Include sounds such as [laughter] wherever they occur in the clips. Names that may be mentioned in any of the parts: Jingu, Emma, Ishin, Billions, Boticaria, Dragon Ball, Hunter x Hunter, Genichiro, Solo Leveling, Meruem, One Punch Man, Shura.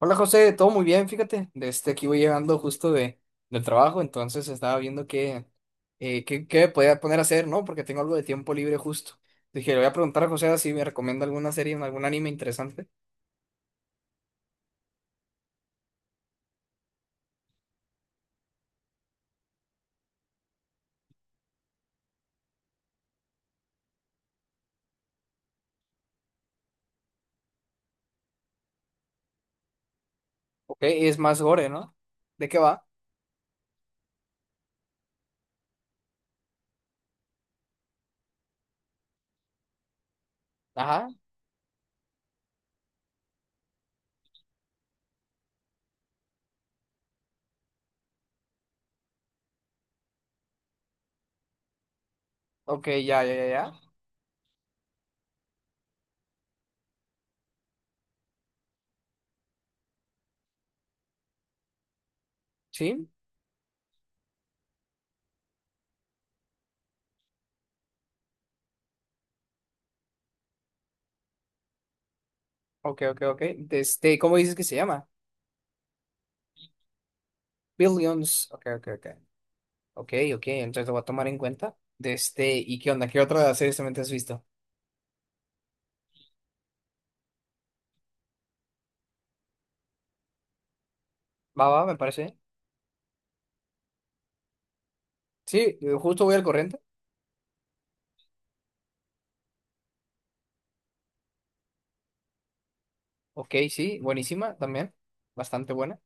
Hola José, todo muy bien, fíjate, desde aquí voy llegando justo del trabajo. Entonces estaba viendo qué me podía poner a hacer, ¿no? Porque tengo algo de tiempo libre justo. Dije, le voy a preguntar a José si me recomienda alguna serie, algún anime interesante. Ok, es más gore, ¿no? ¿De qué va? Ajá, ok, ya, ya, ya, ya. Sí, ok, ok, ok. Este, ¿cómo dices que se llama? Billions. Ok, ok, ok. Ok, ok, entonces lo voy a tomar en cuenta. De este, ¿y qué onda? ¿Qué otra serie también te has visto? Va, va, me parece. Sí, justo voy al corriente. Ok, sí, buenísima también. Bastante buena.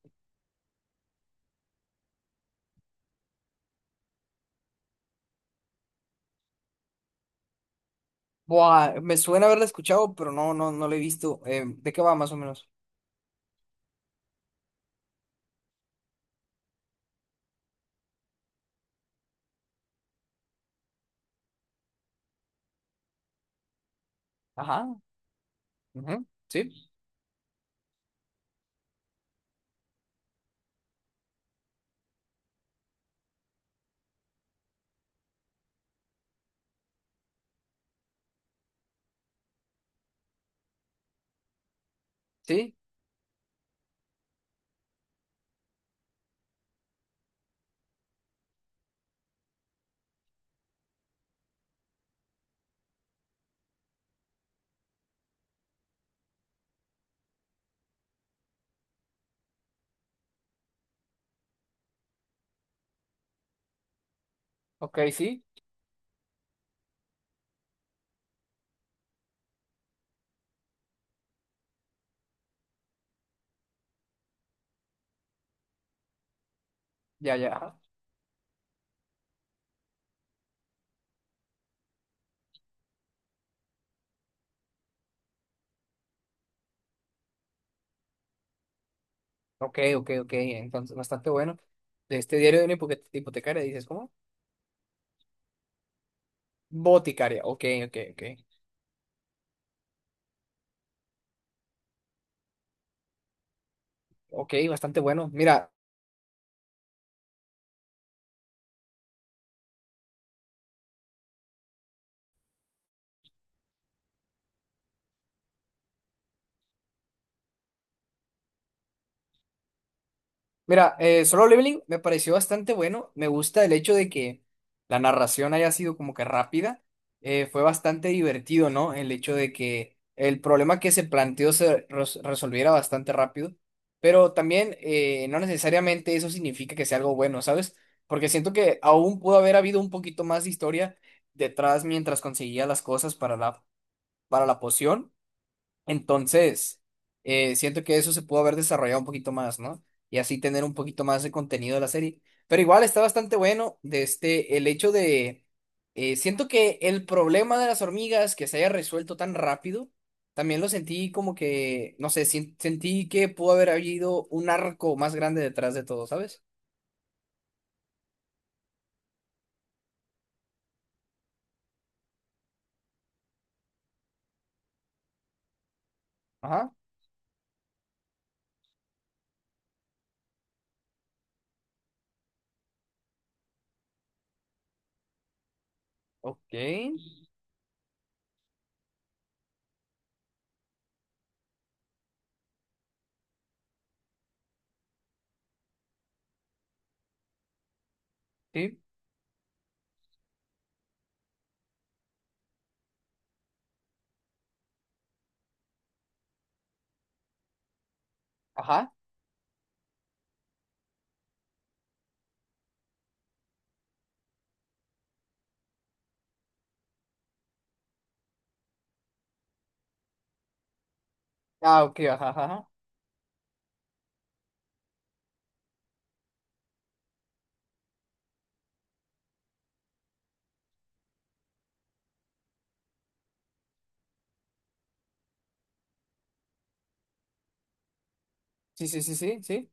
Buah, me suena haberla escuchado, pero no, no, no la he visto. ¿De qué va más o menos? Ajá. Ujú, sí, sí. Ok, sí. Ya, ya. Ajá, ok, ok, ok. Entonces, bastante bueno. De este diario de una hipotecaria, dices, ¿cómo? Boticaria. Ok, ok, ok. Ok, bastante bueno. Mira. Mira, Solo Leveling me pareció bastante bueno. Me gusta el hecho de que la narración haya sido como que rápida. Fue bastante divertido, ¿no? El hecho de que el problema que se planteó se resolviera bastante rápido. Pero también no necesariamente eso significa que sea algo bueno, ¿sabes? Porque siento que aún pudo haber habido un poquito más de historia detrás mientras conseguía las cosas para la poción. Entonces, siento que eso se pudo haber desarrollado un poquito más, ¿no? Y así tener un poquito más de contenido de la serie. Pero igual está bastante bueno de este, el hecho de, siento que el problema de las hormigas que se haya resuelto tan rápido, también lo sentí como que, no sé, sentí que pudo haber habido un arco más grande detrás de todo, ¿sabes? Ajá, ok, sí, ajá, ah, ok, ajá, ajá, ajá. Sí, sí, sí, sí, sí,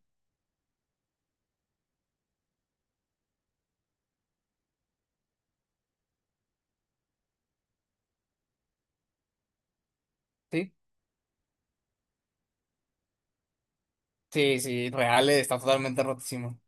sí, sí, sí, real, está totalmente rotísimo.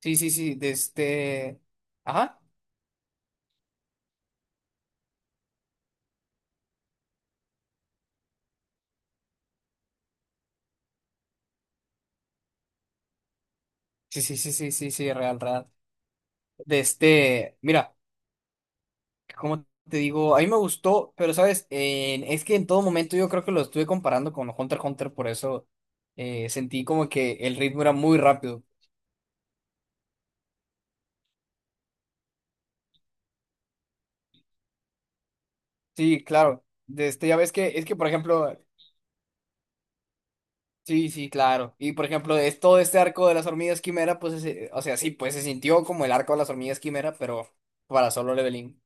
Sí, sí, sí, de este. Ajá. Sí, sí, sí, sí, sí, sí, real, real. De este. Mira, como te digo, a mí me gustó, pero sabes, es que en todo momento yo creo que lo estuve comparando con Hunter x Hunter, por eso sentí como que el ritmo era muy rápido. Sí, claro. De este, ya ves que, es que, por ejemplo, sí, sí, claro. Y por ejemplo, es todo este arco de las hormigas quimera, pues, o sea, sí, pues se sintió como el arco de las hormigas quimera, pero para solo leveling.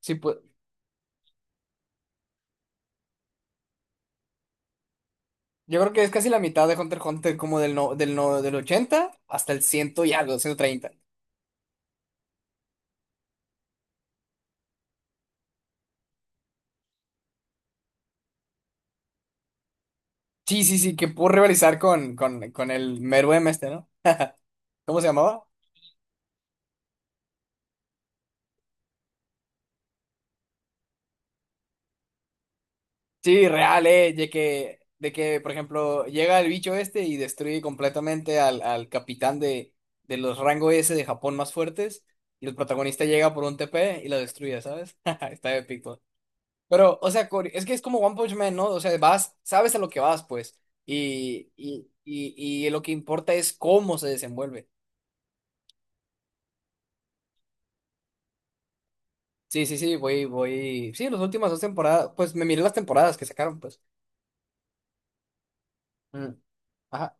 Sí, pues. Yo creo que es casi la mitad de Hunter x Hunter, como del, no, del, no, del 80 hasta el 100 y algo, 130. Sí, sí, sí, que pudo rivalizar con el Meruem este, ¿no? ¿Cómo se llamaba? Sí, real, ¿eh? De que, por ejemplo, llega el bicho este y destruye completamente al capitán de los rango S de Japón más fuertes, y el protagonista llega por un TP y lo destruye, ¿sabes? [laughs] Está épico. Pero, o sea, es que es como One Punch Man, ¿no? O sea, vas, sabes a lo que vas, pues. Y lo que importa es cómo se desenvuelve. Sí, sí, sí, voy, voy. Sí, las últimas dos temporadas, pues me miré las temporadas que sacaron, pues. Mm. Ajá,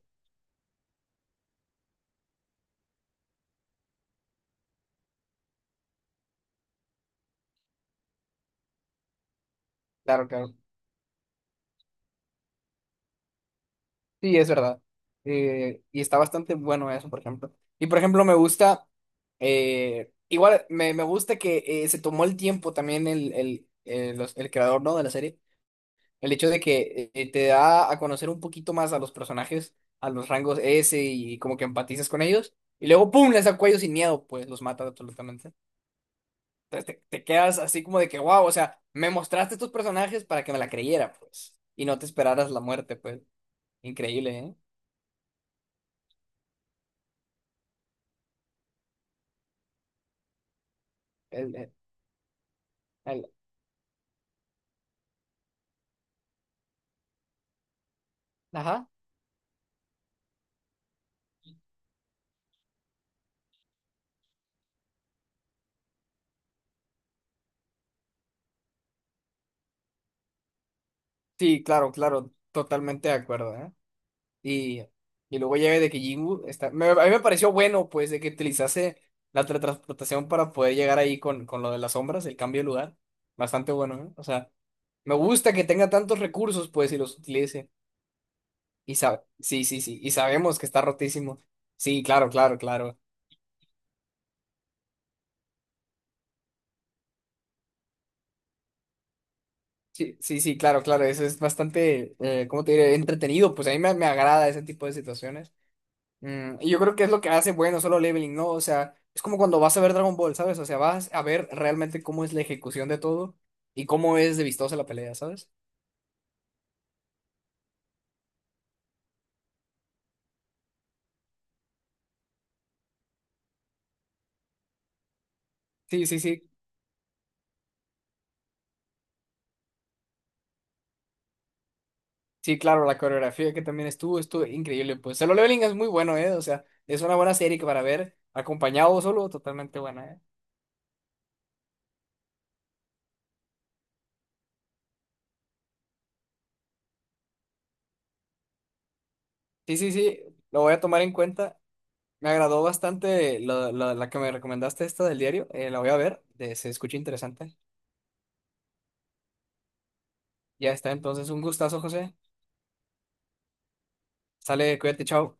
claro, claro. Sí, es verdad. Y está bastante bueno eso, por ejemplo. Y por ejemplo, me gusta, igual me gusta que se tomó el tiempo también el creador, ¿no? De la serie. El hecho de que te da a conocer un poquito más a los personajes, a los rangos S y como que empatizas con ellos. Y luego, ¡pum!, les da cuello sin miedo, pues los mata absolutamente. Te quedas así como de que, wow, o sea, me mostraste estos personajes para que me la creyera, pues. Y no te esperaras la muerte, pues. Increíble, ¿eh? El- el- el- Ajá. Sí, claro, claro, totalmente de acuerdo, ¿eh? Y, y luego ya de que Jingu está. A mí me pareció bueno, pues, de que utilizase la teletransportación para poder llegar ahí con, lo de las sombras, el cambio de lugar. Bastante bueno, ¿eh? O sea, me gusta que tenga tantos recursos, pues, y los utilice. Sí, sí, sí. Y sabemos que está rotísimo. Sí, claro, claro, claro. Sí, sí, sí, claro, claro. Eso es bastante, ¿cómo te diré? Entretenido. Pues a mí me agrada ese tipo de situaciones. Mm, y yo creo que es lo que hace bueno Solo Leveling, ¿no? O sea, es como cuando vas a ver Dragon Ball, ¿sabes? O sea, vas a ver realmente cómo es la ejecución de todo y cómo es de vistosa la pelea, ¿sabes? Sí, sí, sí. Sí, claro, la coreografía que también estuvo increíble. Pues Solo Leveling es muy bueno, ¿eh? O sea, es una buena serie que para ver acompañado o solo, totalmente buena, ¿eh? Sí, sí, sí, lo voy a tomar en cuenta. Me agradó bastante la que me recomendaste esta del diario. La voy a ver, se escucha interesante. Ya está, entonces un gustazo, José. Sale, cuídate, chao.